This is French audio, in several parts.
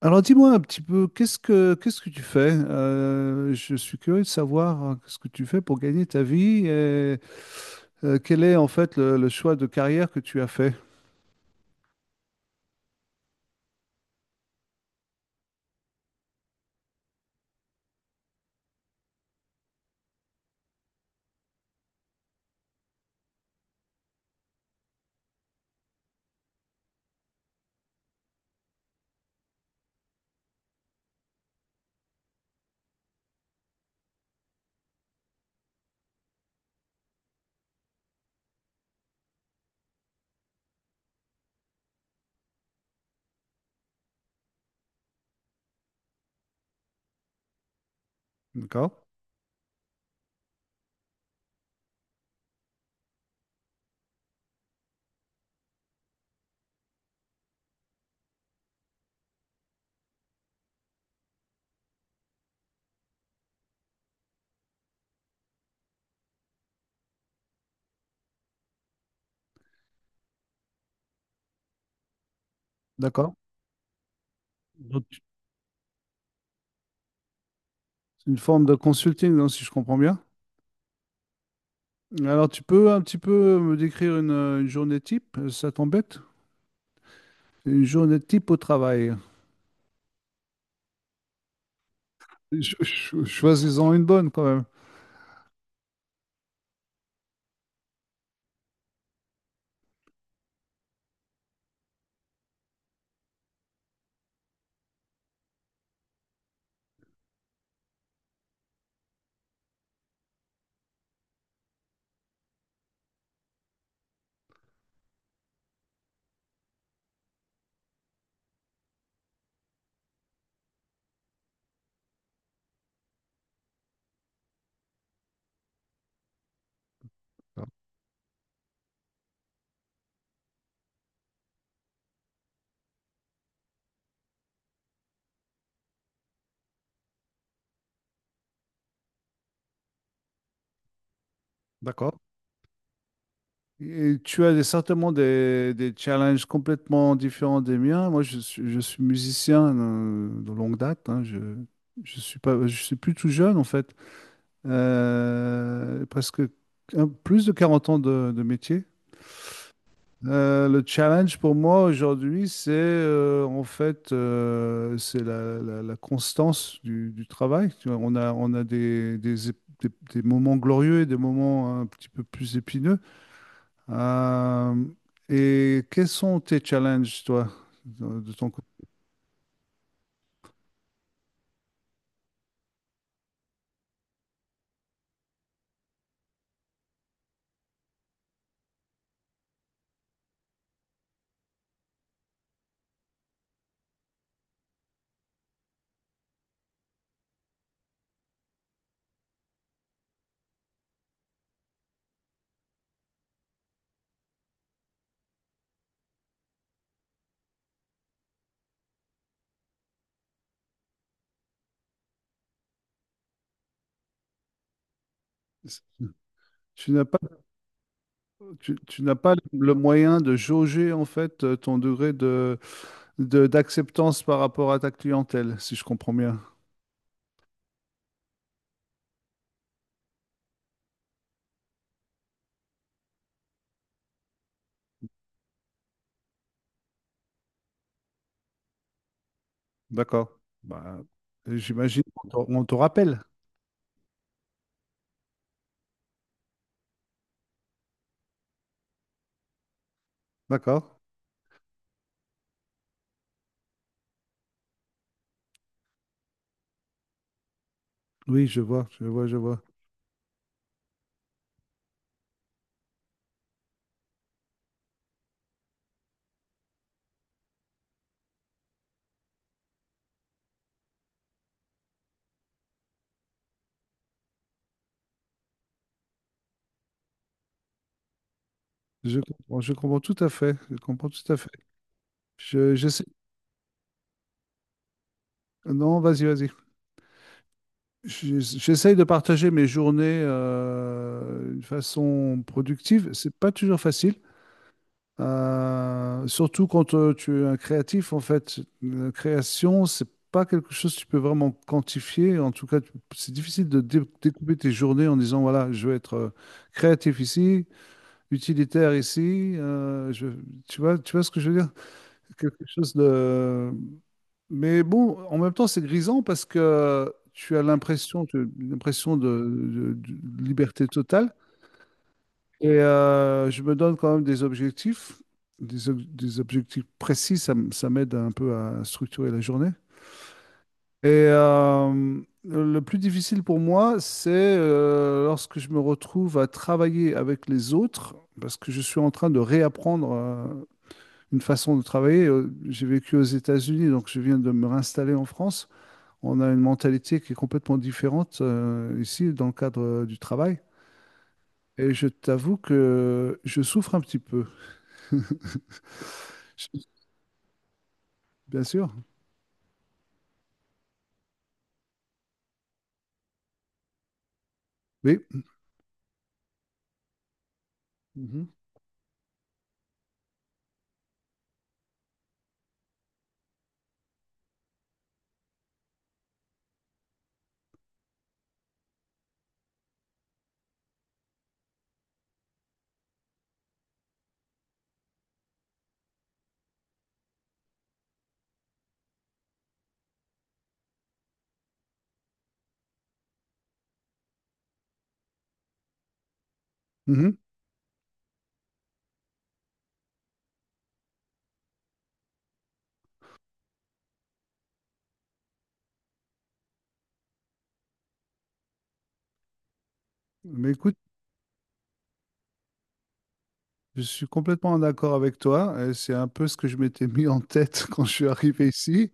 Alors dis-moi un petit peu, qu'est-ce que tu fais? Je suis curieux de savoir ce que tu fais pour gagner ta vie et quel est en fait le choix de carrière que tu as fait. D'accord? D'accord. Donc, c'est une forme de consulting, non, si je comprends bien. Alors tu peux un petit peu me décrire une journée type, ça t'embête? Une journée type au travail. Choisis-en une bonne quand même. D'accord. Et certainement des challenges complètement différents des miens. Moi, je suis musicien de longue date, hein. Je suis pas, je suis plus tout jeune en fait. Presque plus de 40 ans de métier. Le challenge pour moi aujourd'hui, c'est en fait c'est la constance du travail. Tu vois, on a des moments glorieux et des moments un petit peu plus épineux. Euh, et quels sont tes challenges, toi, de ton côté? Tu n'as pas, tu n'as pas le moyen de jauger, en fait, ton degré de, d'acceptance par rapport à ta clientèle, si je comprends bien. D'accord. Bah, j'imagine qu'on on te rappelle. D'accord. Oui, je vois, je vois, je vois. Je comprends tout à fait. Je comprends tout à fait. Je, j'essaie- Non, vas-y, vas-y. J'essaye de partager mes journées d'une façon productive. C'est pas toujours facile, surtout quand tu es un créatif. En fait, la création, c'est pas quelque chose que tu peux vraiment quantifier. En tout cas, c'est difficile de découper tes journées en disant, voilà, je vais être créatif ici, utilitaire ici. Tu vois ce que je veux dire? Quelque chose de. Mais bon, en même temps, c'est grisant parce que tu as l'impression de, de liberté totale. Et je me donne quand même des objectifs, des objectifs précis. Ça, ça m'aide un peu à structurer la journée. Et le plus difficile pour moi, c'est lorsque je me retrouve à travailler avec les autres, parce que je suis en train de réapprendre une façon de travailler. J'ai vécu aux États-Unis, donc je viens de me réinstaller en France. On a une mentalité qui est complètement différente ici dans le cadre du travail. Et je t'avoue que je souffre un petit peu. Je- Bien sûr. Oui. Mhm. Mhm. Mais écoute, je suis complètement en accord avec toi. Et c'est un peu ce que je m'étais mis en tête quand je suis arrivé ici.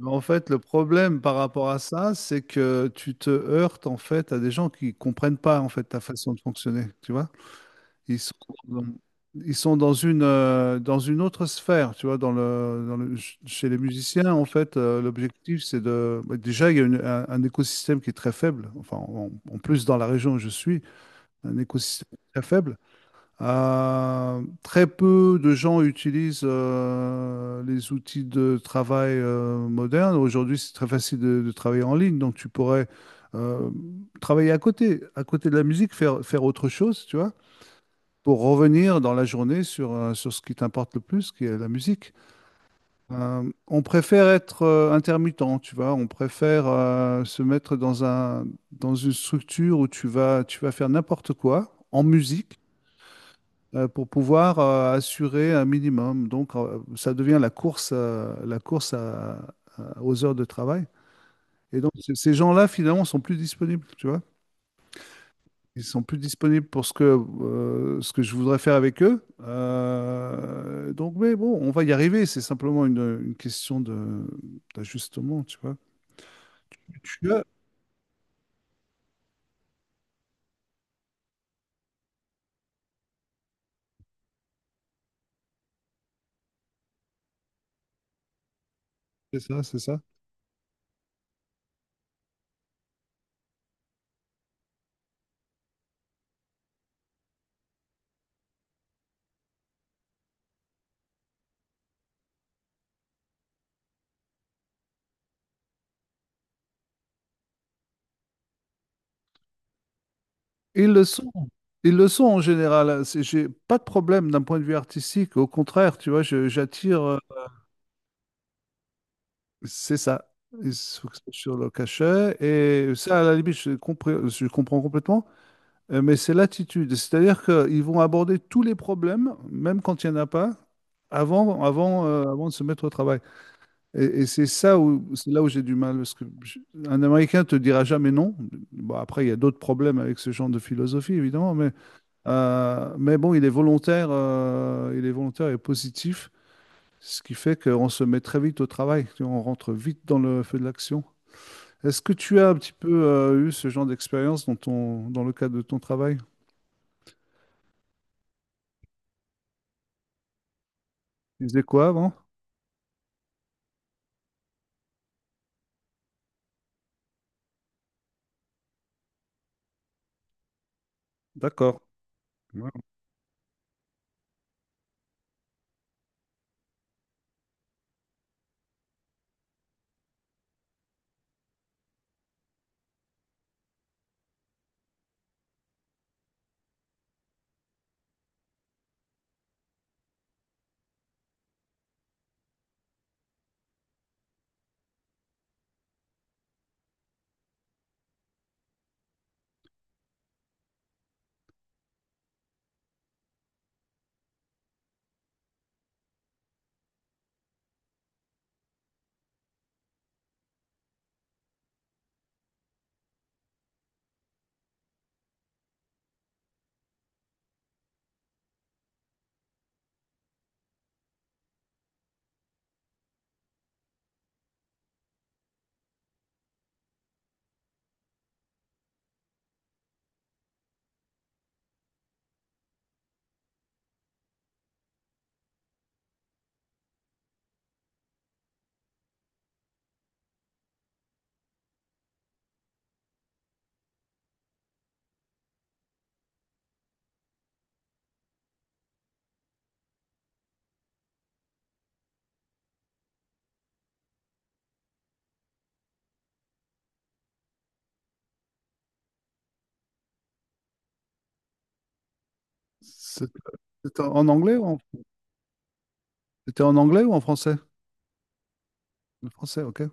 Mais en fait, le problème par rapport à ça, c'est que tu te heurtes en fait à des gens qui comprennent pas en fait ta façon de fonctionner. Tu vois? Ils sont dans, ils sont dans une autre sphère, tu vois, dans chez les musiciens, en fait, l'objectif, c'est de... Bah, déjà, il y a un écosystème qui est très faible, enfin, en, en plus, dans la région où je suis, un écosystème très faible. Très peu de gens utilisent les outils de travail modernes. Aujourd'hui, c'est très facile de travailler en ligne, donc tu pourrais euh, travailler à côté de la musique, faire, faire autre chose, tu vois, pour revenir dans la journée sur, sur ce qui t'importe le plus, qui est la musique. On préfère être intermittent, tu vois, on préfère se mettre dans une structure où tu vas faire n'importe quoi en musique pour pouvoir assurer un minimum. Donc, ça devient la course aux heures de travail. Et donc, ces gens-là, finalement, sont plus disponibles, tu vois. Ils sont plus disponibles pour ce que je voudrais faire avec eux. Donc, mais bon, on va y arriver. C'est simplement une question de, d'ajustement, tu vois. Tu as- C'est ça, c'est ça. Ils le sont. Ils le sont en général. C'est- J'ai pas de problème d'un point de vue artistique. Au contraire, tu vois, j'attire. C'est ça. Ils se focalisent sur le cachet. Et ça, à la limite, je comprends complètement. Mais c'est l'attitude. C'est-à-dire qu'ils vont aborder tous les problèmes, même quand il n'y en a pas, avant de se mettre au travail. Et c'est ça où, c'est là où j'ai du mal. Parce que un Américain te dira jamais non. Bon, après, il y a d'autres problèmes avec ce genre de philosophie, évidemment. Mais bon, il est volontaire et positif. Ce qui fait qu'on se met très vite au travail. Tu vois, on rentre vite dans le feu de l'action. Est-ce que tu as un petit peu eu ce genre d'expérience dans ton, dans le cadre de ton travail? Tu faisais quoi avant? D'accord. Ouais. C'est- C'était en anglais ou en, c'était en anglais ou en français? Le français, ok.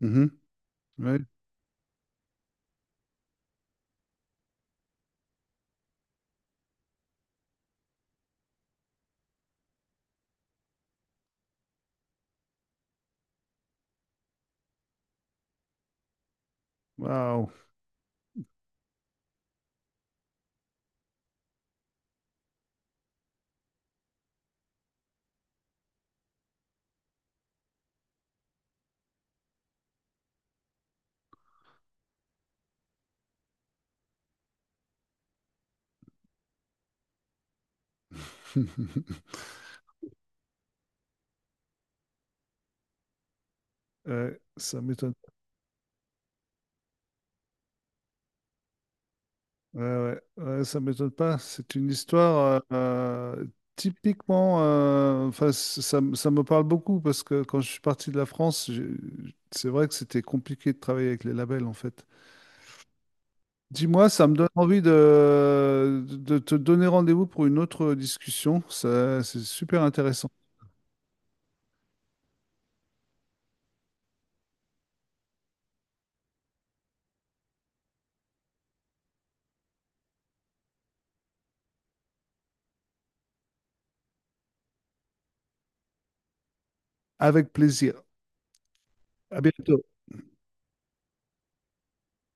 Mhm. Ouais. Waouh. Ouais, ça m'étonne. Ouais, ouais. Ouais, ça m'étonne pas. C'est une histoire euh, typiquement. Euh, enfin, ça, ça me parle beaucoup parce que quand je suis parti de la France, j'ai- c'est vrai que c'était compliqué de travailler avec les labels en fait. Dis-moi, ça me donne envie de te donner rendez-vous pour une autre discussion. Ça- C'est super intéressant. Avec plaisir. À bientôt.